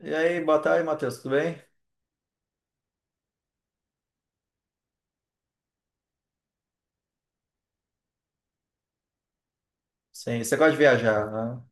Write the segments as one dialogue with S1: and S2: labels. S1: E aí, boa tarde, Matheus, tudo bem? Sim, você gosta de viajar, né?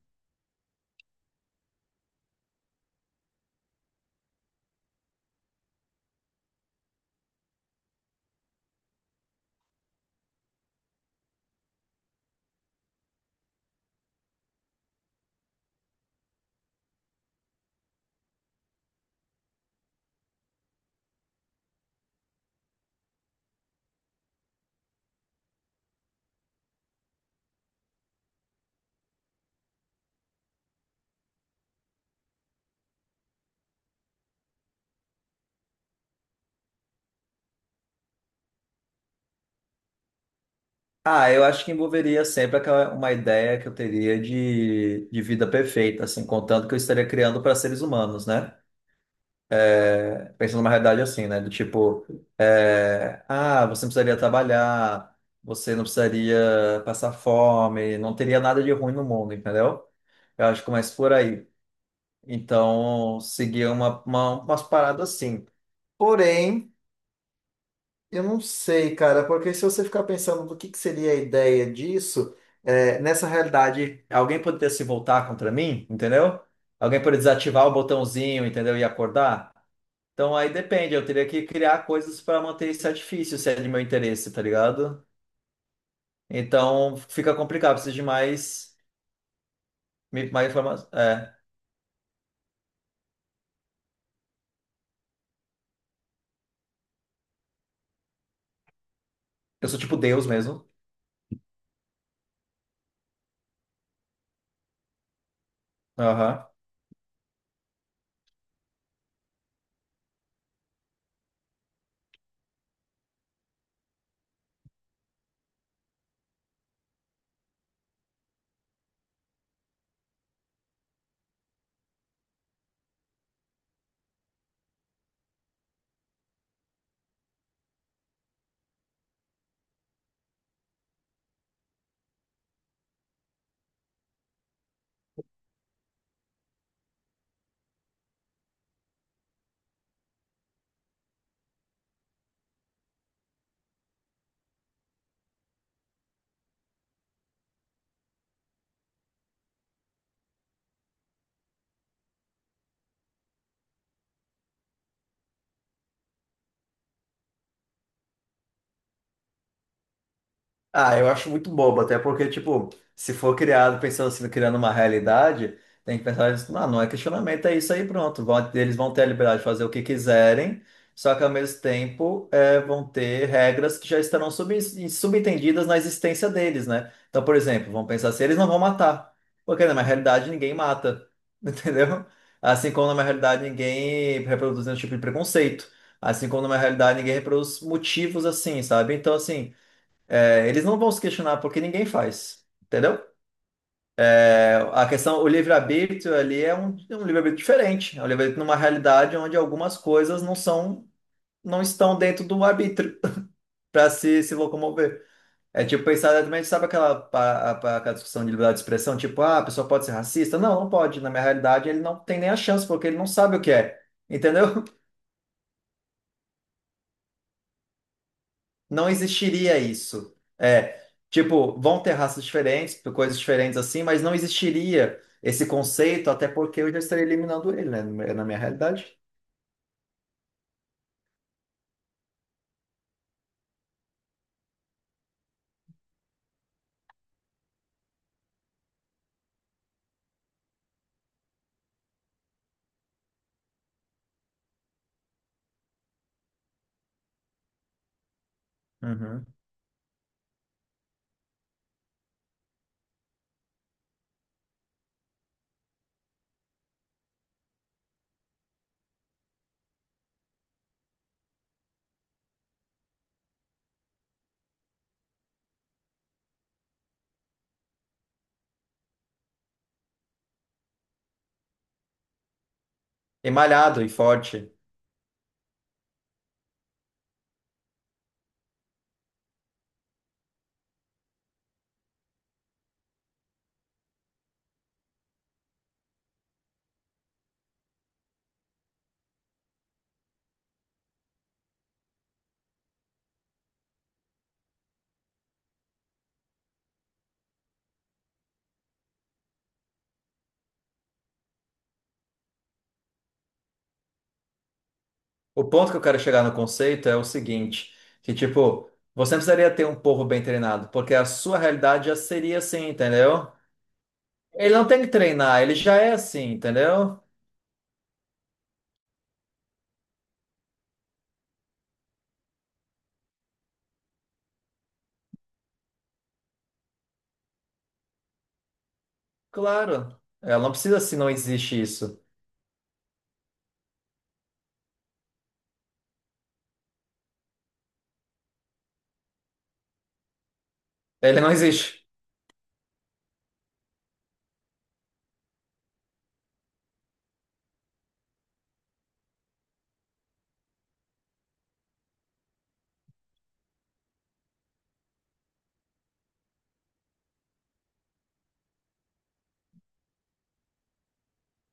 S1: Ah, eu acho que envolveria sempre aquela, uma ideia que eu teria de vida perfeita, assim, contando que eu estaria criando para seres humanos, né? Pensando numa realidade assim, né? Do tipo, ah, você não precisaria trabalhar, você não precisaria passar fome, não teria nada de ruim no mundo, entendeu? Eu acho que é mais por aí. Então, seguir umas paradas assim. Porém. Eu não sei, cara, porque se você ficar pensando do que seria a ideia disso, nessa realidade, alguém poderia se voltar contra mim, entendeu? Alguém poderia desativar o botãozinho, entendeu? E acordar. Então aí depende, eu teria que criar coisas para manter esse artifício, se é de meu interesse, tá ligado? Então fica complicado, preciso de mais, mais informação. É, eu sou tipo Deus mesmo. Ah, eu acho muito bobo, até porque, tipo, se for criado pensando assim, criando uma realidade, tem que pensar, isso, não é questionamento, é isso aí, pronto. Eles vão ter a liberdade de fazer o que quiserem, só que ao mesmo tempo vão ter regras que já estarão subentendidas na existência deles, né? Então, por exemplo, vamos pensar assim, eles não vão matar, porque na minha realidade ninguém mata, entendeu? Assim como na minha realidade ninguém reproduz nenhum tipo de preconceito, assim como na minha realidade ninguém reproduz motivos assim, sabe? Então, assim. É, eles não vão se questionar porque ninguém faz, entendeu? É, a questão, o livre-arbítrio ali é um livre-arbítrio diferente, é um livre-arbítrio numa realidade onde algumas coisas não são, não estão dentro do arbítrio para se locomover. É tipo pensar exatamente, sabe aquela, aquela discussão de liberdade de expressão, tipo, ah, a pessoa pode ser racista? Não, não pode. Na minha realidade, ele não tem nem a chance, porque ele não sabe o que é, entendeu? Não existiria isso. É, tipo, vão ter raças diferentes, coisas diferentes assim, mas não existiria esse conceito, até porque eu já estaria eliminando ele, né, na minha realidade. Uhum. E malhado e forte. O ponto que eu quero chegar no conceito é o seguinte, que tipo, você não precisaria ter um povo bem treinado, porque a sua realidade já seria assim, entendeu? Ele não tem que treinar, ele já é assim, entendeu? Claro. Ela não precisa se não existe isso. Ele não existe.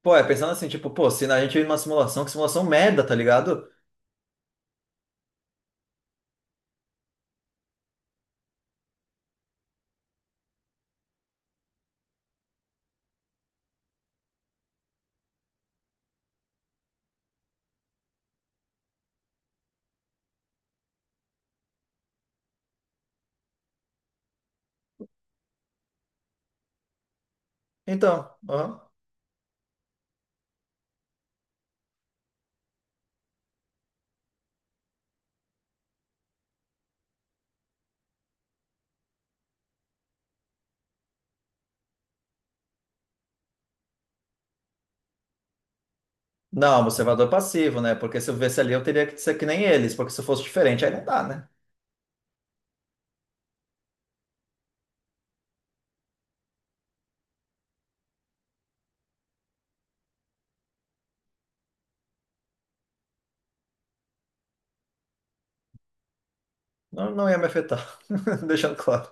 S1: Pô, é pensando assim, tipo, pô, se a gente vive numa simulação, que simulação merda, tá ligado? Então, aham. Não, observador passivo, né? Porque se eu vivesse ali, eu teria que ser que nem eles, porque se eu fosse diferente, aí não dá, né? Não, não ia me afetar. Deixando claro.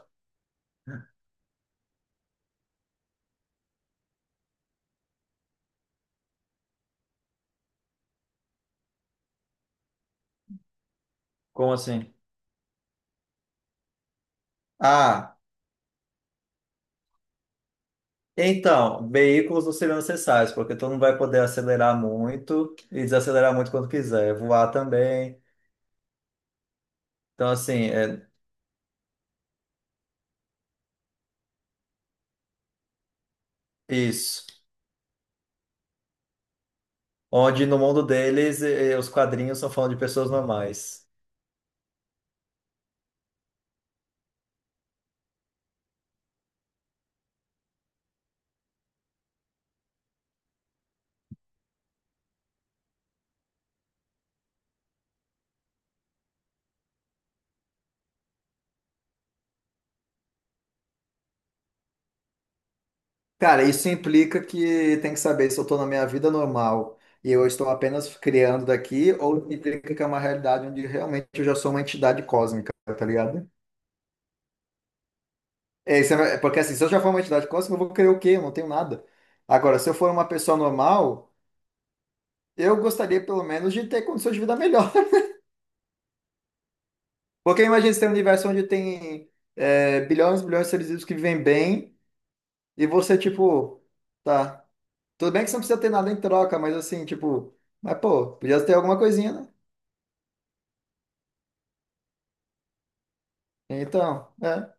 S1: Como assim? Ah. Então, veículos não seriam necessários, porque tu não vai poder acelerar muito e desacelerar muito quando quiser. Voar também. Então, assim, é isso. Onde no mundo deles, os quadrinhos são falando de pessoas normais. Cara, isso implica que tem que saber se eu estou na minha vida normal e eu estou apenas criando daqui, ou implica que é uma realidade onde realmente eu já sou uma entidade cósmica, tá ligado? Porque assim, se eu já for uma entidade cósmica, eu vou querer o quê? Eu não tenho nada. Agora, se eu for uma pessoa normal. Eu gostaria, pelo menos, de ter condições de vida melhor. Porque imagina você tem um universo onde tem bilhões e bilhões de seres vivos que vivem bem, e você, tipo, tá. Tudo bem que você não precisa ter nada em troca, mas assim, tipo, mas pô, podia ter alguma coisinha, né? Então, é.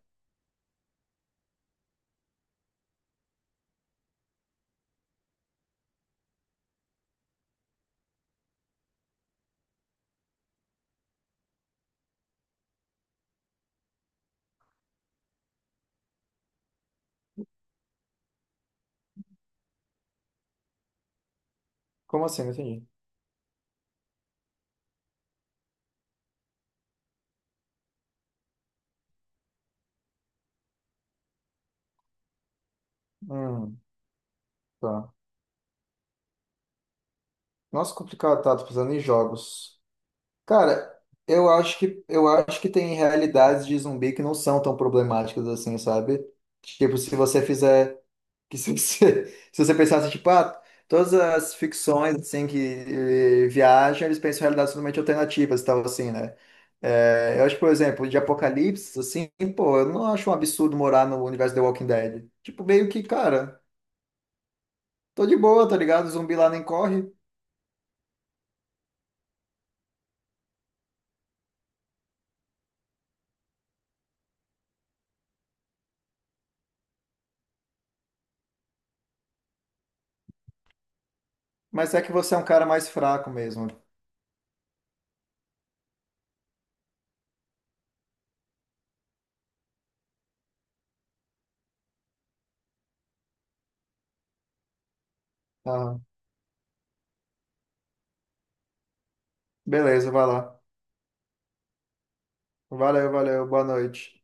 S1: Como assim? Não entendi. Hum, tá. Nossa, complicado, tá? Tô pensando em jogos. Cara, eu acho que tem realidades de zumbi que não são tão problemáticas assim, sabe? Tipo, se você fizer. Que se você, se você pensasse, tipo, ah, todas as ficções, assim, que viajam, eles pensam em realidades totalmente alternativas e tal, assim, né? É, eu acho, por exemplo, de Apocalipse, assim, pô, eu não acho um absurdo morar no universo The Walking Dead. Tipo, meio que, cara, tô de boa, tá ligado? O zumbi lá nem corre, mas é que você é um cara mais fraco mesmo. Ah, beleza, vai lá. Valeu, valeu, boa noite.